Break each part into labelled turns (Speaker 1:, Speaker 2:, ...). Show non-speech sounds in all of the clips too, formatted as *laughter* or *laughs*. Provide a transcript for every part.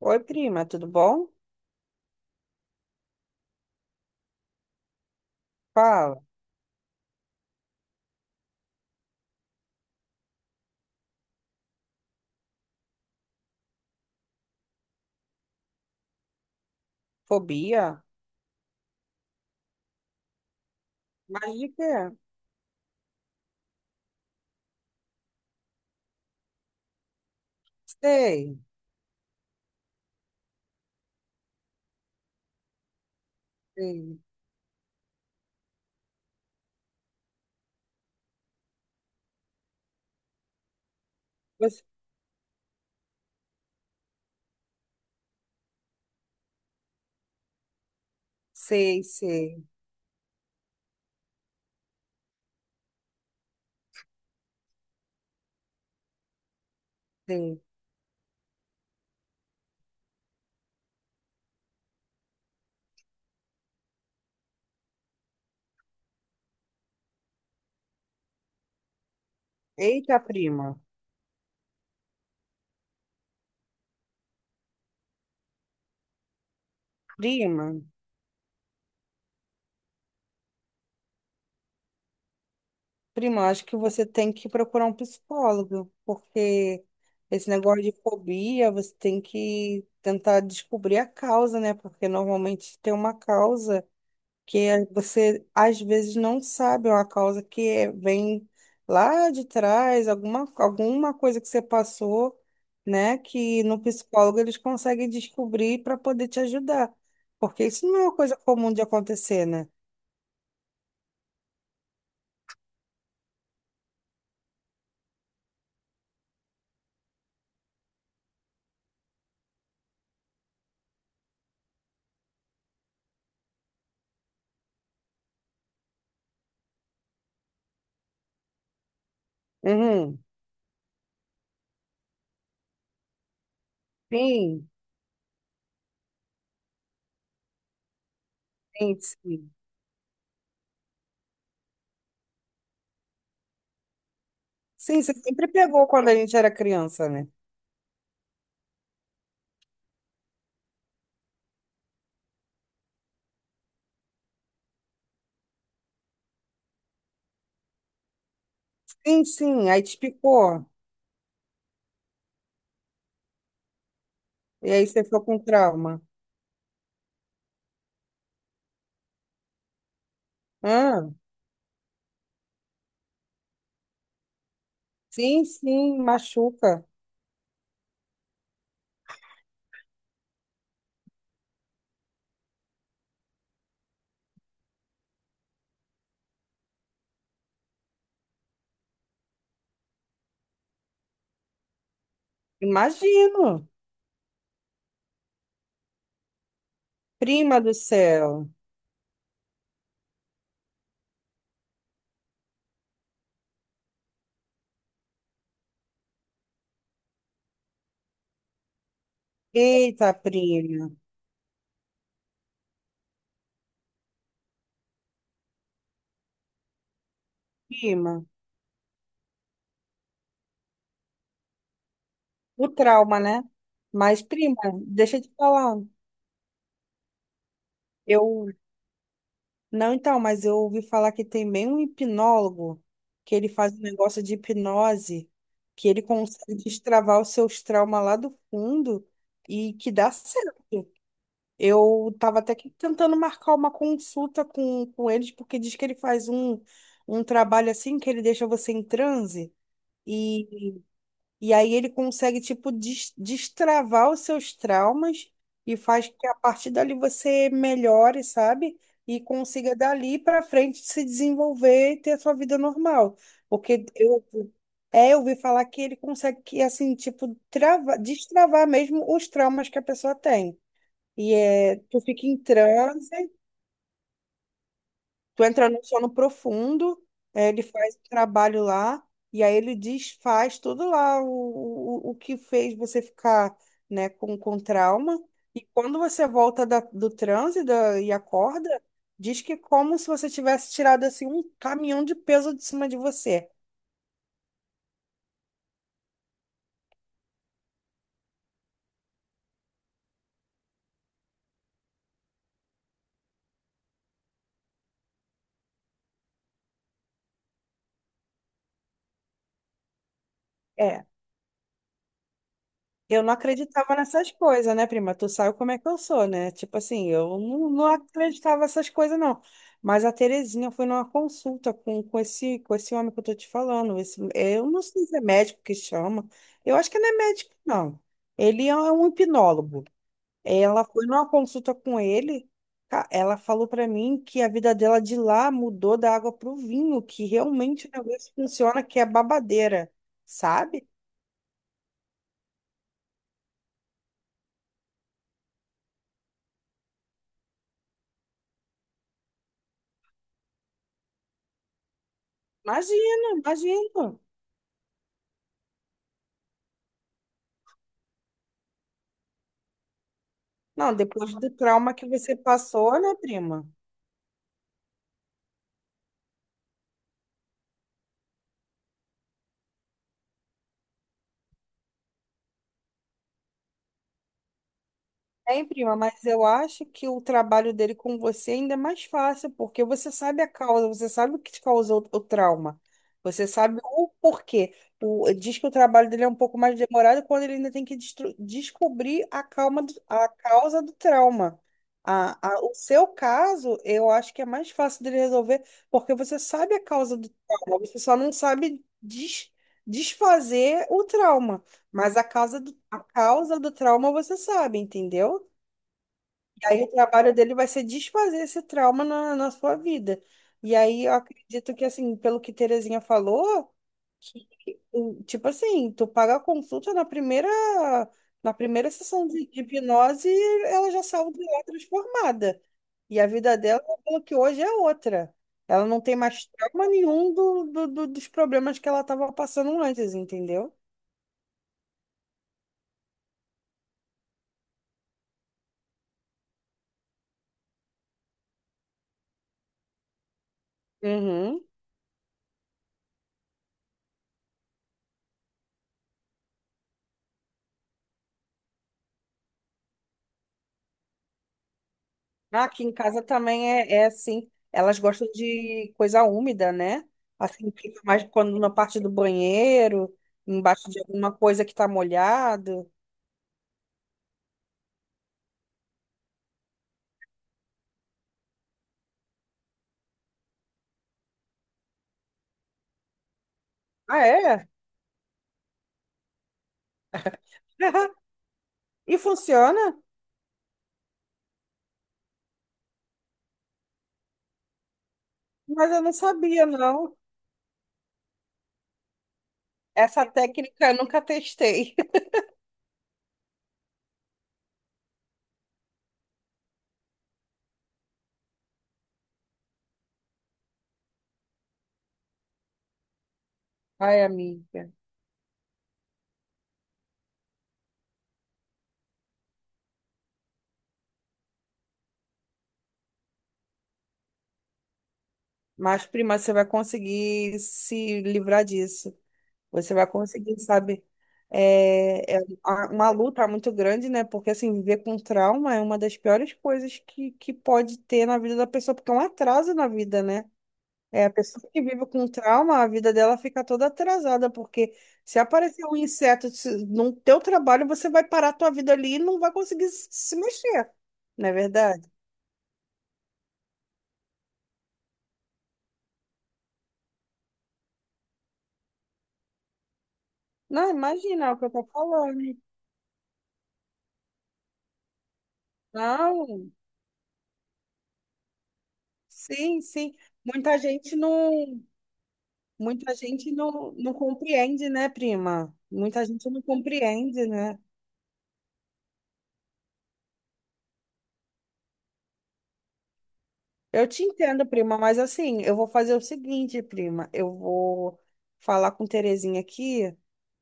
Speaker 1: Oi, prima, tudo bom? Fala. Fobia? Mas de quê? Sei, sei. Você- Sei, sei, sei. Eita, prima. Prima, prima, acho que você tem que procurar um psicólogo, porque esse negócio de fobia, você tem que tentar descobrir a causa, né? Porque normalmente tem uma causa. Que você às vezes não sabe uma causa que é- vem lá de trás, alguma coisa que você passou, né? Que no psicólogo eles conseguem descobrir para poder te ajudar. Porque isso não é uma coisa comum de acontecer, né? Uhum. Sim, sim, sim. Sim, você sempre pegou quando a gente era criança, né? Sim, sim, aí te picou. E aí você ficou com trauma. Ah, sim, sim, machuca. Imagino. Prima do céu. Eita, prima, prima, o trauma, né? Mas, prima, deixa eu te falar. Eu, não, então, mas eu ouvi falar que tem bem um hipnólogo que ele faz um negócio de hipnose, que ele consegue destravar os seus traumas lá do fundo e que dá certo. Eu tava até que tentando marcar uma consulta com eles, porque diz que ele faz um trabalho assim que ele deixa você em transe. E aí ele consegue, tipo, destravar os seus traumas e faz que a partir dali você melhore, sabe? E consiga dali para frente se desenvolver e ter a sua vida normal. Porque eu ouvi falar que ele consegue, que, assim, tipo, trava, destravar mesmo os traumas que a pessoa tem. E é, tu fica em transe. Tu entra no sono profundo, eh, ele faz o trabalho lá, e aí ele desfaz tudo lá o, o que fez você ficar, né, com trauma. E quando você volta do transe e acorda, diz que é como se você tivesse tirado assim um caminhão de peso de cima de você. é Eu não acreditava nessas coisas, né, prima? Tu sabe como é que eu sou, né? Tipo assim, eu não, não acreditava nessas coisas, não. Mas a Terezinha foi numa consulta com esse homem que eu tô te falando. Esse, eu não sei se é médico que chama. Eu acho que não é médico, não. Ele é um hipnólogo. Ela foi numa consulta com ele. Ela falou pra mim que a vida dela de lá mudou da água pro vinho, que realmente o negócio funciona, que é babadeira, sabe? Imagina, imagina. Não, depois do trauma que você passou, né, prima? Hein, prima, mas eu acho que o trabalho dele com você ainda é mais fácil, porque você sabe a causa, você sabe o que te causou o trauma, você sabe o porquê. O, diz que o trabalho dele é um pouco mais demorado quando ele ainda tem que descobrir calma, a causa do trauma. A, o seu caso, eu acho que é mais fácil dele resolver, porque você sabe a causa do trauma, você só não sabe desfazer o trauma. Mas a causa do, trauma você sabe, entendeu? E aí o trabalho dele vai ser desfazer esse trauma na sua vida. E aí eu acredito que, assim, pelo que Terezinha falou, que, o- tipo assim, tu paga a consulta na primeira sessão de hipnose, ela já saiu de lá transformada. E a vida dela, pelo que hoje é outra. Ela não tem mais trauma nenhum do, do, dos problemas que ela estava passando antes, entendeu? Uhum. Ah, aqui em casa também é, é assim. Elas gostam de coisa úmida, né? Assim, fica mais quando na parte do banheiro, embaixo de alguma coisa que tá molhado. Ah, é? *laughs* E funciona? Mas eu não sabia, não. Essa técnica eu nunca testei. *laughs* Ai, amiga. Mas, prima, você vai conseguir se livrar disso. Você vai conseguir, sabe? É, é a- uma luta muito grande, né? Porque, assim, viver com trauma é uma das piores coisas que pode ter na vida da pessoa, porque é um atraso na vida, né? É, a pessoa que vive com trauma, a vida dela fica toda atrasada, porque se aparecer um inseto no teu trabalho, você vai parar a tua vida ali e não vai conseguir se mexer, não é verdade? Não, imagina é o que eu tô falando. Não, sim, sim. Muita gente não. Muita gente não, não compreende, né, prima? Muita gente não compreende, né? Eu te entendo, prima, mas assim, eu vou fazer o seguinte, prima. Eu vou falar com Terezinha aqui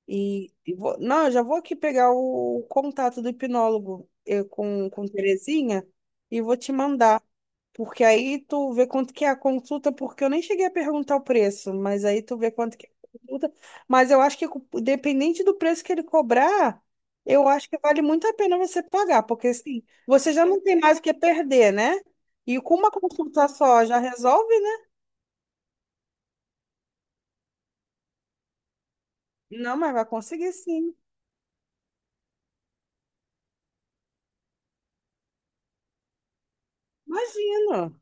Speaker 1: e vou... Não, eu já vou aqui pegar o contato do hipnólogo com Terezinha e vou te mandar. Porque aí tu vê quanto que é a consulta, porque eu nem cheguei a perguntar o preço, mas aí tu vê quanto que é a consulta. Mas eu acho que, dependente do preço que ele cobrar, eu acho que vale muito a pena você pagar, porque assim, você já não tem mais o que perder, né? E com uma consulta só já resolve, né? Não, mas vai conseguir sim. Imagino.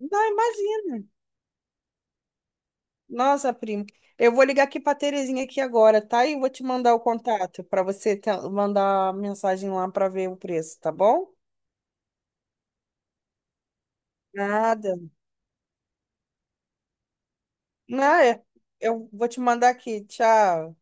Speaker 1: Não, imagina. Nossa, primo. Eu vou ligar aqui para Terezinha aqui agora, tá? E vou te mandar o contato para você mandar mensagem lá para ver o preço, tá bom? Nada. Não, eu vou te mandar aqui. Tchau.